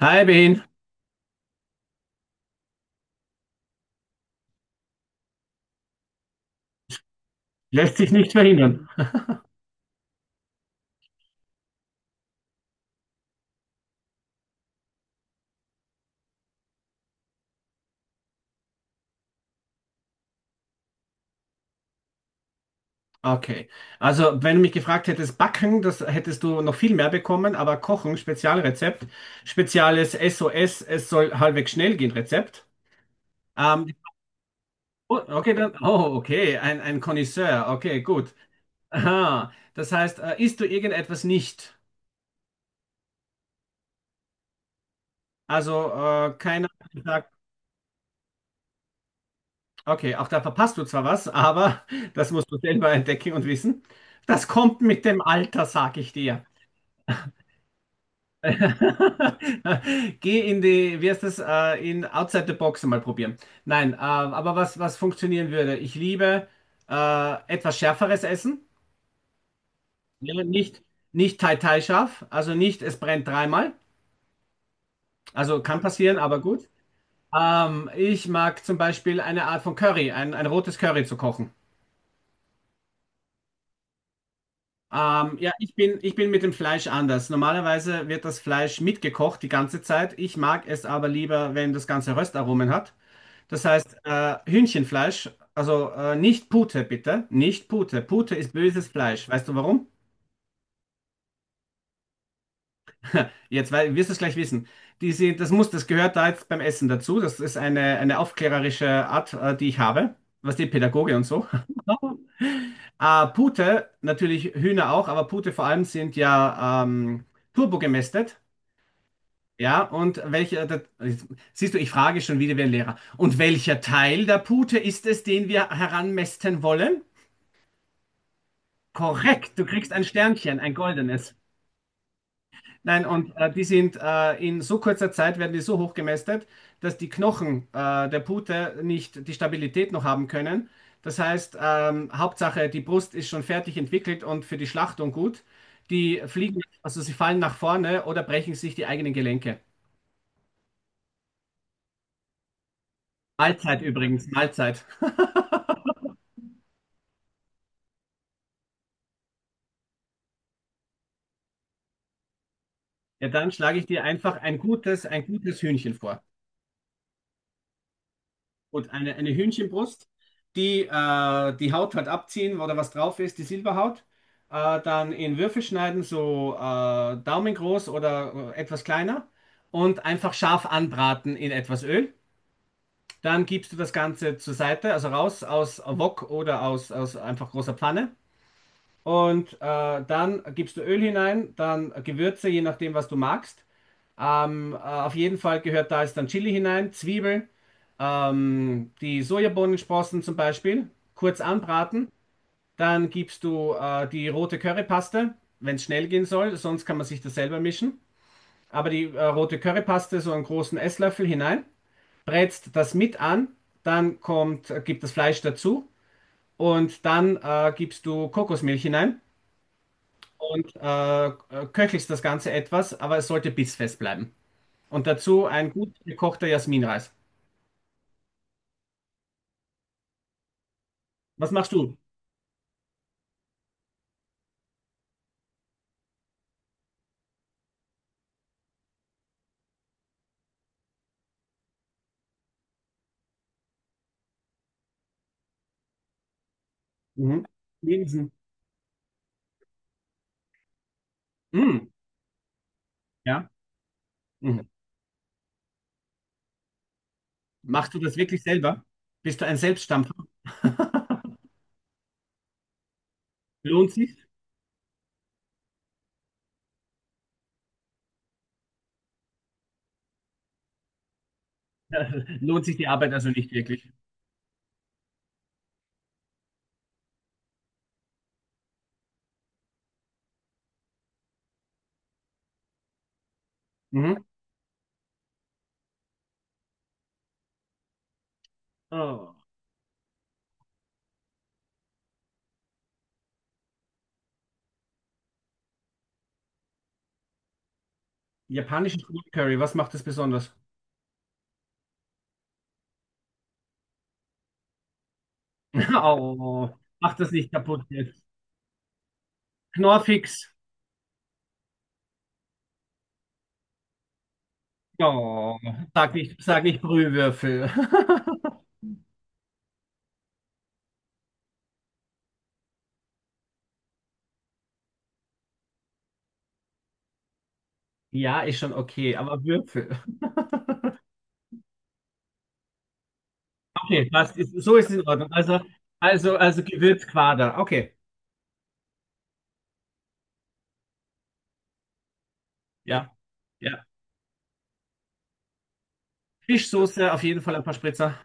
Hi Ben. Lässt sich nicht verhindern. Okay. Also wenn du mich gefragt hättest, Backen, das hättest du noch viel mehr bekommen, aber Kochen, Spezialrezept, spezielles SOS, es soll halbwegs schnell gehen, Rezept. Ähm, oh, okay, dann, oh, okay, ein Connoisseur, okay, gut. Aha, das heißt, isst du irgendetwas nicht? Also keiner sagt, okay, auch da verpasst du zwar was, aber das musst du selber entdecken und wissen. Das kommt mit dem Alter, sag ich dir. Geh in die, wie heißt das, in Outside the Box mal probieren. Nein, aber was funktionieren würde? Ich liebe etwas schärferes Essen. Ja, nicht, nicht Thai Thai scharf, also nicht, es brennt dreimal. Also kann passieren, aber gut. Ich mag zum Beispiel eine Art von Curry, ein rotes Curry zu kochen. Ja, ich bin mit dem Fleisch anders. Normalerweise wird das Fleisch mitgekocht die ganze Zeit. Ich mag es aber lieber, wenn das Ganze Röstaromen hat. Das heißt, Hühnchenfleisch, also nicht Pute, bitte. Nicht Pute. Pute ist böses Fleisch. Weißt du warum? Jetzt wirst du es gleich wissen. Diese, das muss, das gehört da jetzt beim Essen dazu. Das ist eine aufklärerische Art, die ich habe. Was die Pädagoge und so. Pute, natürlich Hühner auch, aber Pute vor allem sind ja turbogemästet. Ja, und welcher, da, siehst du, ich frage schon wieder wie ein Lehrer. Und welcher Teil der Pute ist es, den wir heranmästen wollen? Korrekt, du kriegst ein Sternchen, ein goldenes. Nein, und die sind in so kurzer Zeit werden die so hoch gemästet, dass die Knochen der Pute nicht die Stabilität noch haben können. Das heißt, Hauptsache, die Brust ist schon fertig entwickelt und für die Schlachtung gut. Die fliegen, also sie fallen nach vorne oder brechen sich die eigenen Gelenke. Mahlzeit übrigens, Mahlzeit. Ja, dann schlage ich dir einfach ein gutes Hühnchen vor. Und eine Hühnchenbrust, die die Haut halt abziehen, wo da was drauf ist, die Silberhaut, dann in Würfel schneiden, so daumengroß oder etwas kleiner und einfach scharf anbraten in etwas Öl. Dann gibst du das Ganze zur Seite, also raus aus Wok oder aus einfach großer Pfanne. Und dann gibst du Öl hinein, dann Gewürze, je nachdem, was du magst. Auf jeden Fall gehört da jetzt dann Chili hinein, Zwiebeln, die Sojabohnensprossen zum Beispiel, kurz anbraten. Dann gibst du die rote Currypaste, wenn es schnell gehen soll, sonst kann man sich das selber mischen. Aber die rote Currypaste, so einen großen Esslöffel hinein, brätst das mit an, dann kommt, gibt das Fleisch dazu und dann gibst du Kokosmilch hinein und äh, köchelst das Ganze etwas, aber es sollte bissfest bleiben. Und dazu ein gut gekochter Jasminreis. Was machst du? Mhm. Linsen. Mhm. Ja. Mhm. Machst du das wirklich selber? Bist du ein Selbststampfer? Lohnt sich? Lohnt sich die Arbeit also nicht wirklich. Mhm. Oh. Japanisches Grün Curry, was macht das besonders? Oh, mach das nicht kaputt jetzt. Knorrfix. Oh, sag nicht Brühwürfel. Ja, ist schon okay, aber Würfel. Okay, passt. Ist, so ist es in Ordnung. Also Gewürzquader. Okay. Ja, ja. Fischsoße, auf jeden Fall ein paar Spritzer.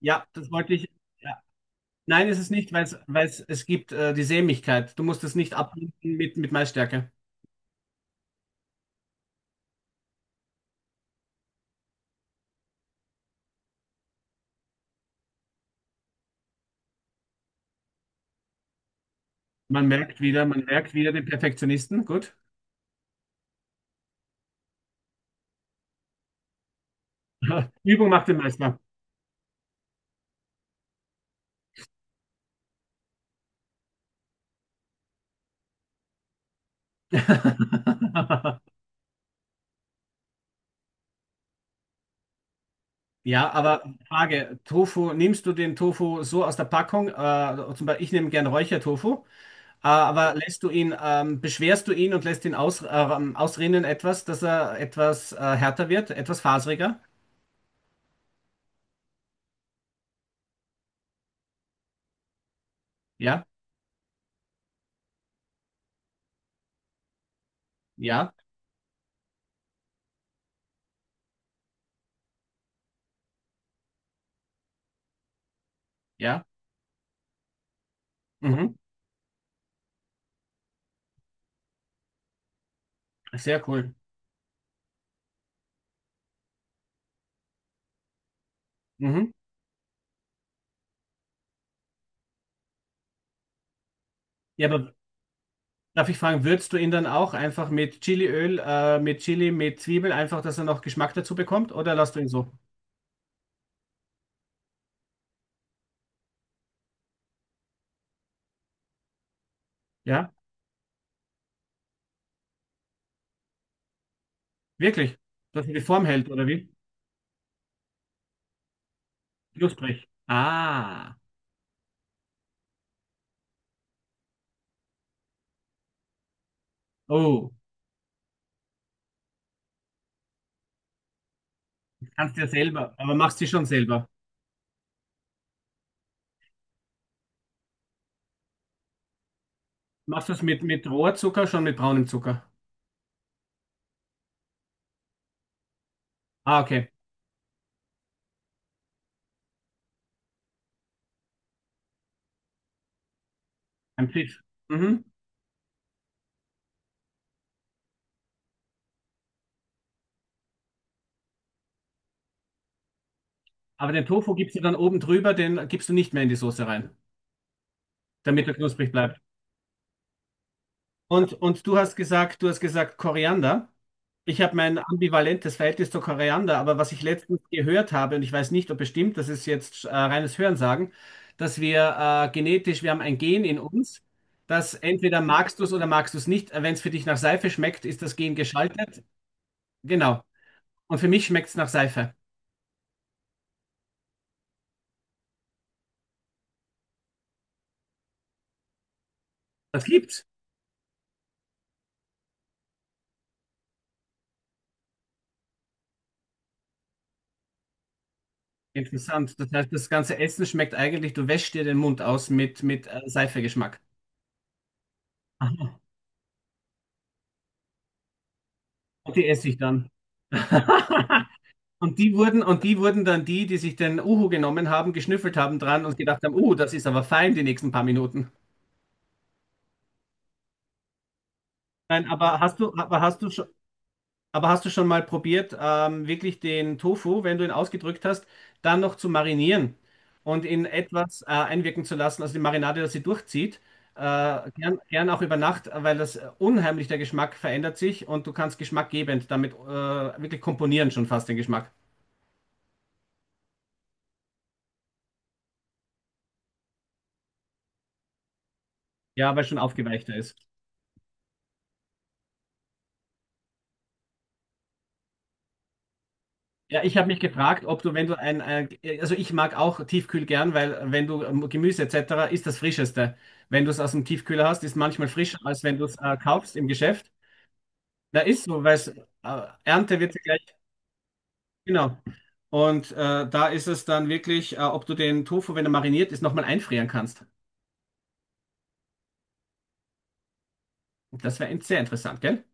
Ja, das wollte ich. Ja. Nein, ist es nicht, weil es, es gibt die Sämigkeit. Du musst es nicht abbinden mit Maisstärke. Man merkt wieder den Perfektionisten. Gut. Übung macht den Meister. Ja, aber Frage, Tofu, nimmst du den Tofu so aus der Packung? Zum Beispiel, ich nehme gern Räuchertofu, aber lässt du ihn, beschwerst du ihn und lässt ihn ausrinnen etwas, dass er etwas härter wird, etwas faseriger? Ja? Ja, ja. Mhm. Sehr cool. Mhm. Ja, aber darf ich fragen, würzt du ihn dann auch einfach mit Chiliöl, mit Chili, mit Zwiebel, einfach, dass er noch Geschmack dazu bekommt? Oder lässt du ihn so? Ja, wirklich? Dass er die Form hält, oder wie? Knusprig. Ah. Oh, kannst du ja selber, aber machst du schon selber. Machst du es mit Rohrzucker, schon mit braunem Zucker? Ah, okay. Ein Pfiff. Mhm. Aber den Tofu gibst du dann oben drüber, den gibst du nicht mehr in die Soße rein, damit er knusprig bleibt. Und du hast gesagt Koriander. Ich habe mein ambivalentes Verhältnis zu Koriander, aber was ich letztens gehört habe, und ich weiß nicht, ob es stimmt, das ist jetzt reines Hörensagen, dass wir genetisch, wir haben ein Gen in uns, das entweder magst du es oder magst du es nicht. Wenn es für dich nach Seife schmeckt, ist das Gen geschaltet. Genau. Und für mich schmeckt es nach Seife. Das gibt's. Interessant. Das heißt, das ganze Essen schmeckt eigentlich, du wäschst dir den Mund aus mit Seifegeschmack. Und die esse ich dann. Und die wurden dann die, die sich den Uhu genommen haben, geschnüffelt haben dran und gedacht haben, das ist aber fein die nächsten paar Minuten. Nein, aber hast du schon, aber hast du schon mal probiert, wirklich den Tofu, wenn du ihn ausgedrückt hast, dann noch zu marinieren und in etwas einwirken zu lassen, also die Marinade, dass sie durchzieht, äh, gern, gern auch über Nacht, weil das unheimlich der Geschmack verändert sich und du kannst geschmackgebend damit wirklich komponieren schon fast den Geschmack. Ja, weil es schon aufgeweichter ist. Ja, ich habe mich gefragt, ob du, wenn du also ich mag auch Tiefkühl gern, weil wenn du Gemüse etc. ist das Frischeste. Wenn du es aus dem Tiefkühler hast, ist manchmal frischer, als wenn du es kaufst im Geschäft. Da ist so, weil Ernte wird ja gleich, genau. Und da ist es dann wirklich, ob du den Tofu, wenn er mariniert ist, nochmal einfrieren kannst. Das wäre sehr interessant, gell?